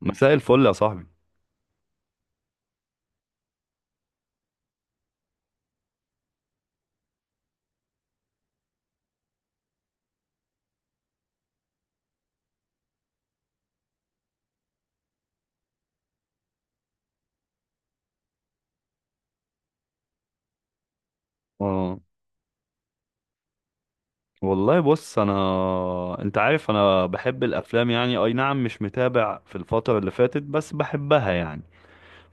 مساء الفل يا صاحبي. اه. والله بص انا، انت عارف انا بحب الافلام يعني. اي نعم، مش متابع في الفترة اللي فاتت، بس بحبها يعني.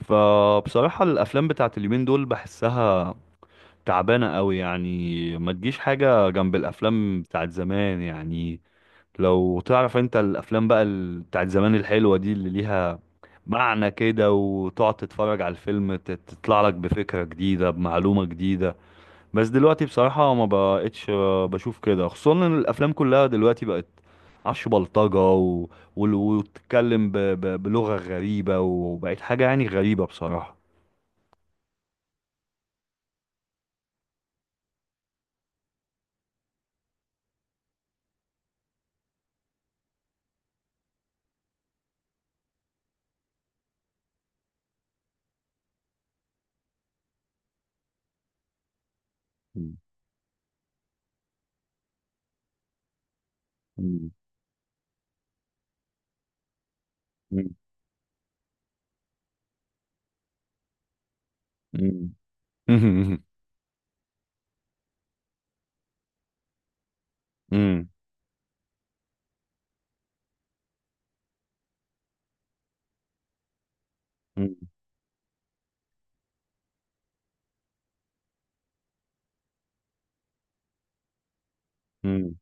فبصراحة الافلام بتاعت اليومين دول بحسها تعبانة قوي، يعني ما تجيش حاجة جنب الافلام بتاعت زمان يعني. لو تعرف انت الافلام بقى بتاعت زمان الحلوة دي اللي ليها معنى كده، وتقعد تتفرج على الفيلم تطلع لك بفكرة جديدة بمعلومة جديدة. بس دلوقتي بصراحة ما بقتش بشوف كده، خصوصا ان الافلام كلها دلوقتي بقت عش بلطجة وتتكلم بلغة غريبة، وبقت حاجة يعني غريبة بصراحة. مم. مم. مم. مم. مم. مم. مم.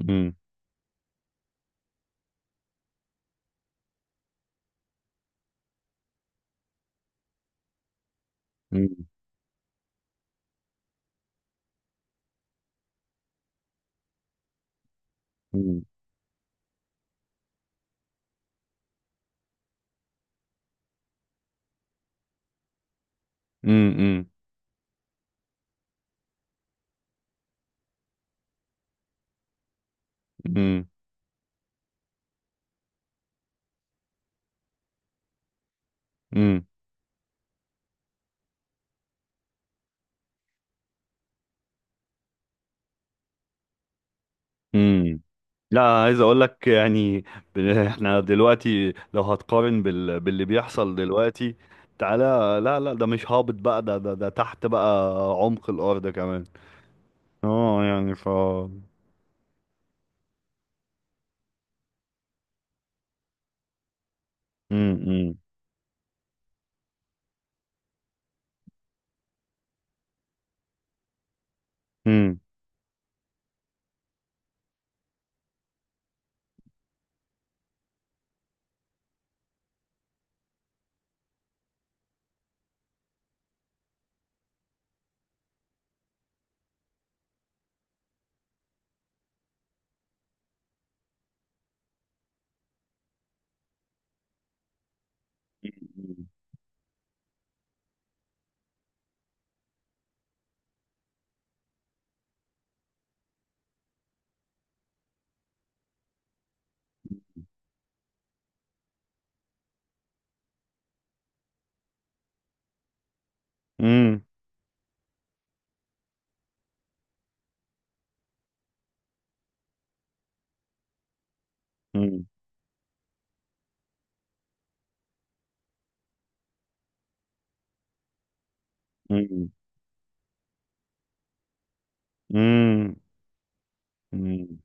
مم. مم. مم. مم. مم. مم. مم. امم. لا، عايز اقول لك يعني. احنا دلوقتي لو هتقارن باللي بيحصل دلوقتي. تعالى. لا لا، ده مش هابط بقى، ده تحت بقى عمق الارض كمان. اه يعني امم. امم. امم. امم. امم. امم.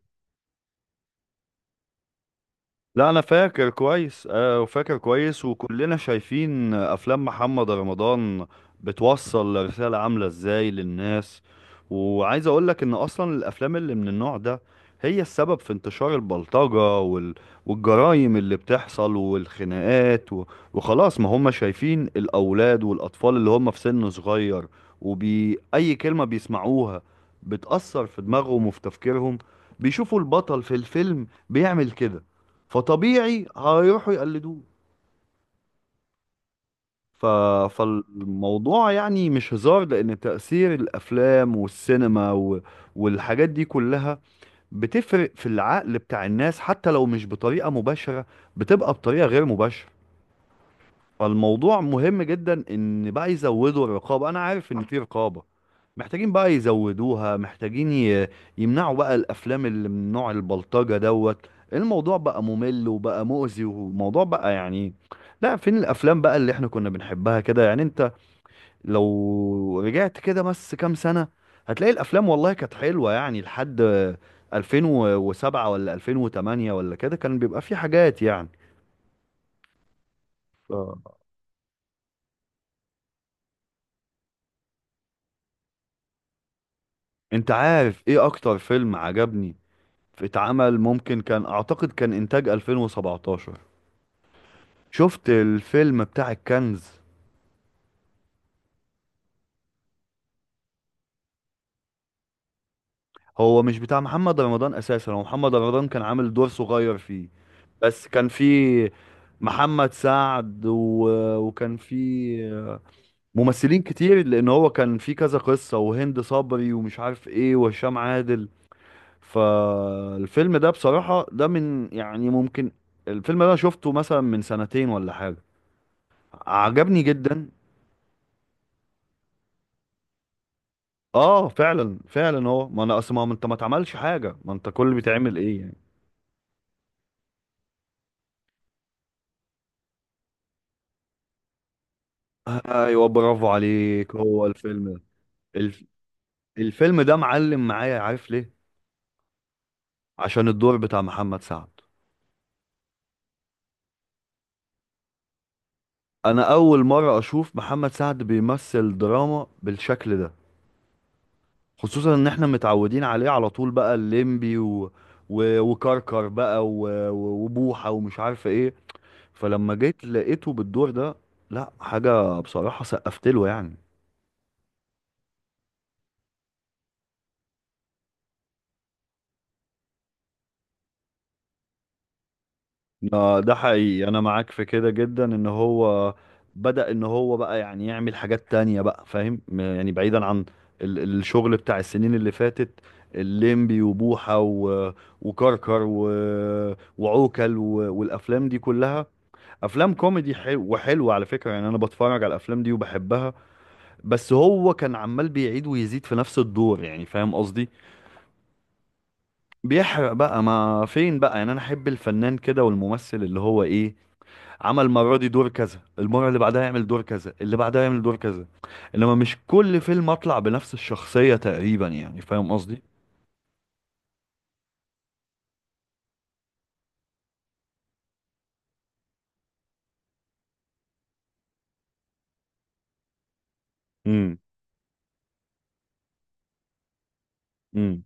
لا، انا فاكر كويس وفاكر كويس، وكلنا شايفين افلام محمد رمضان بتوصل رسالة عاملة ازاي للناس. وعايز اقولك ان اصلا الافلام اللي من النوع ده هي السبب في انتشار البلطجة والجرائم اللي بتحصل والخناقات وخلاص. ما هم شايفين الاولاد والاطفال اللي هم في سن صغير، وبي اي كلمة بيسمعوها بتأثر في دماغهم وفي تفكيرهم. بيشوفوا البطل في الفيلم بيعمل كده، فطبيعي هيروحوا يقلدوه. ف... فالموضوع يعني مش هزار، لأن تأثير الأفلام والسينما والحاجات دي كلها بتفرق في العقل بتاع الناس، حتى لو مش بطريقة مباشرة بتبقى بطريقة غير مباشرة. فالموضوع مهم جدا ان بقى يزودوا الرقابه. انا عارف ان في رقابه، محتاجين بقى يزودوها، محتاجين يمنعوا بقى الافلام اللي من نوع البلطجه دوت. الموضوع بقى ممل وبقى مؤذي وموضوع بقى يعني. لا، فين الافلام بقى اللي احنا كنا بنحبها كده، يعني انت لو رجعت كده بس كام سنه هتلاقي الافلام والله كانت حلوه، يعني لحد 2007 ولا 2008 ولا كده كان بيبقى في حاجات يعني. ف- انت عارف ايه اكتر فيلم عجبني اتعمل، ممكن كان اعتقد كان انتاج 2017؟ شفت الفيلم بتاع الكنز؟ هو مش بتاع محمد رمضان اساسا، هو محمد رمضان كان عامل دور صغير فيه. بس كان فيه محمد سعد وكان فيه ممثلين كتير، لان هو كان فيه كذا قصة، وهند صبري ومش عارف ايه وهشام عادل. فالفيلم ده بصراحة ده من يعني ممكن الفيلم ده شفته مثلا من سنتين ولا حاجة، عجبني جدا. اه فعلا فعلا. هو ما انا اصل ما انت ما اتعملش حاجه، ما انت كل اللي بيتعمل ايه يعني. ايوه برافو عليك، هو الفيلم ده. الف... الفيلم ده معلم معايا، عارف ليه؟ عشان الدور بتاع محمد سعد. انا اول مره اشوف محمد سعد بيمثل دراما بالشكل ده، خصوصا ان احنا متعودين عليه على طول بقى الليمبي وكركر بقى وبوحه ومش عارف ايه. فلما جيت لقيته بالدور ده، لا حاجه بصراحه سقفت له يعني. ده حقيقي، انا معاك في كده جدا ان هو بدأ ان هو بقى يعني يعمل حاجات تانية بقى، فاهم يعني بعيدا عن الشغل بتاع السنين اللي فاتت، الليمبي وبوحة وكركر وعوكل والافلام دي كلها، افلام كوميدي حلو وحلوة على فكرة، يعني انا بتفرج على الافلام دي وبحبها. بس هو كان عمال بيعيد ويزيد في نفس الدور يعني فاهم قصدي. بيحرق بقى، ما فين بقى، يعني انا احب الفنان كده والممثل اللي هو ايه، عمل المره دي دور كذا، المره اللي بعدها يعمل دور كذا، اللي بعدها يعمل دور كذا، انما مش كل فيلم اطلع بنفس الشخصيه تقريبا يعني فاهم قصدي. امم. امم.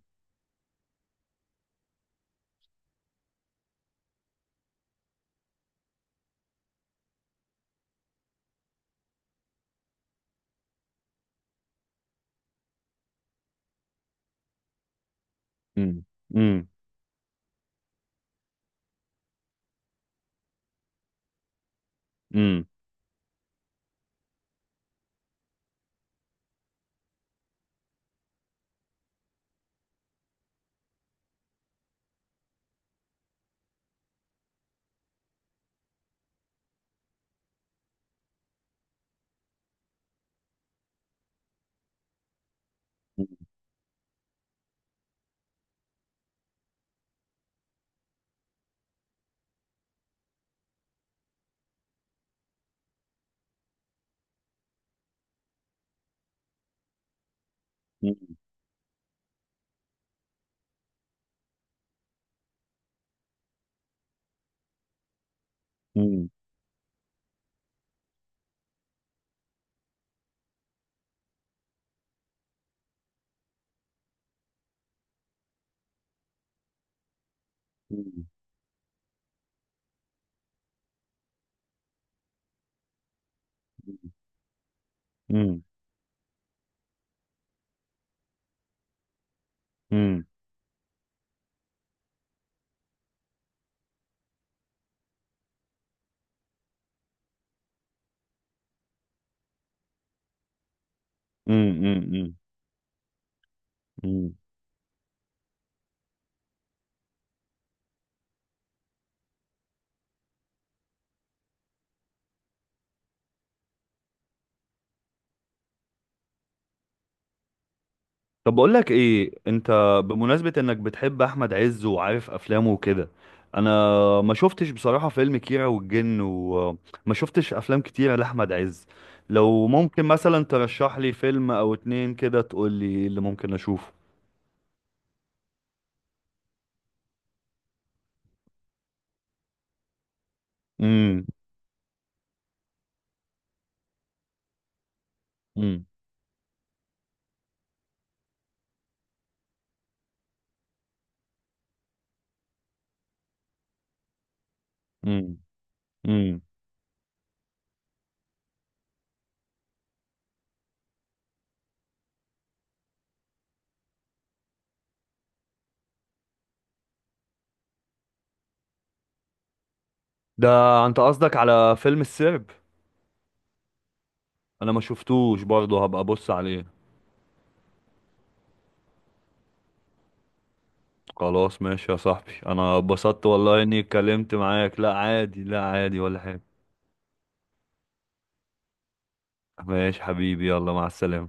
امم. امم. امم. امم. امم. امم. امم. امم. طب بقول لك ايه انت، بمناسبة انك بتحب احمد عز وعارف افلامه وكده، انا ما شفتش بصراحة فيلم كيرة والجن، وما شفتش افلام كتيرة لاحمد عز. لو ممكن مثلا ترشح لي فيلم او اتنين كده تقول لي إيه اللي ممكن اشوفه. امم. امم. امم. امم. ده انت قصدك على فيلم السرب؟ انا ما شفتوش برضه، هبقى ابص عليه. خلاص ماشي يا صاحبي، انا اتبسطت والله اني اتكلمت معاك. لا عادي، لا عادي ولا حاجة. ماشي حبيبي، يلا مع السلامة.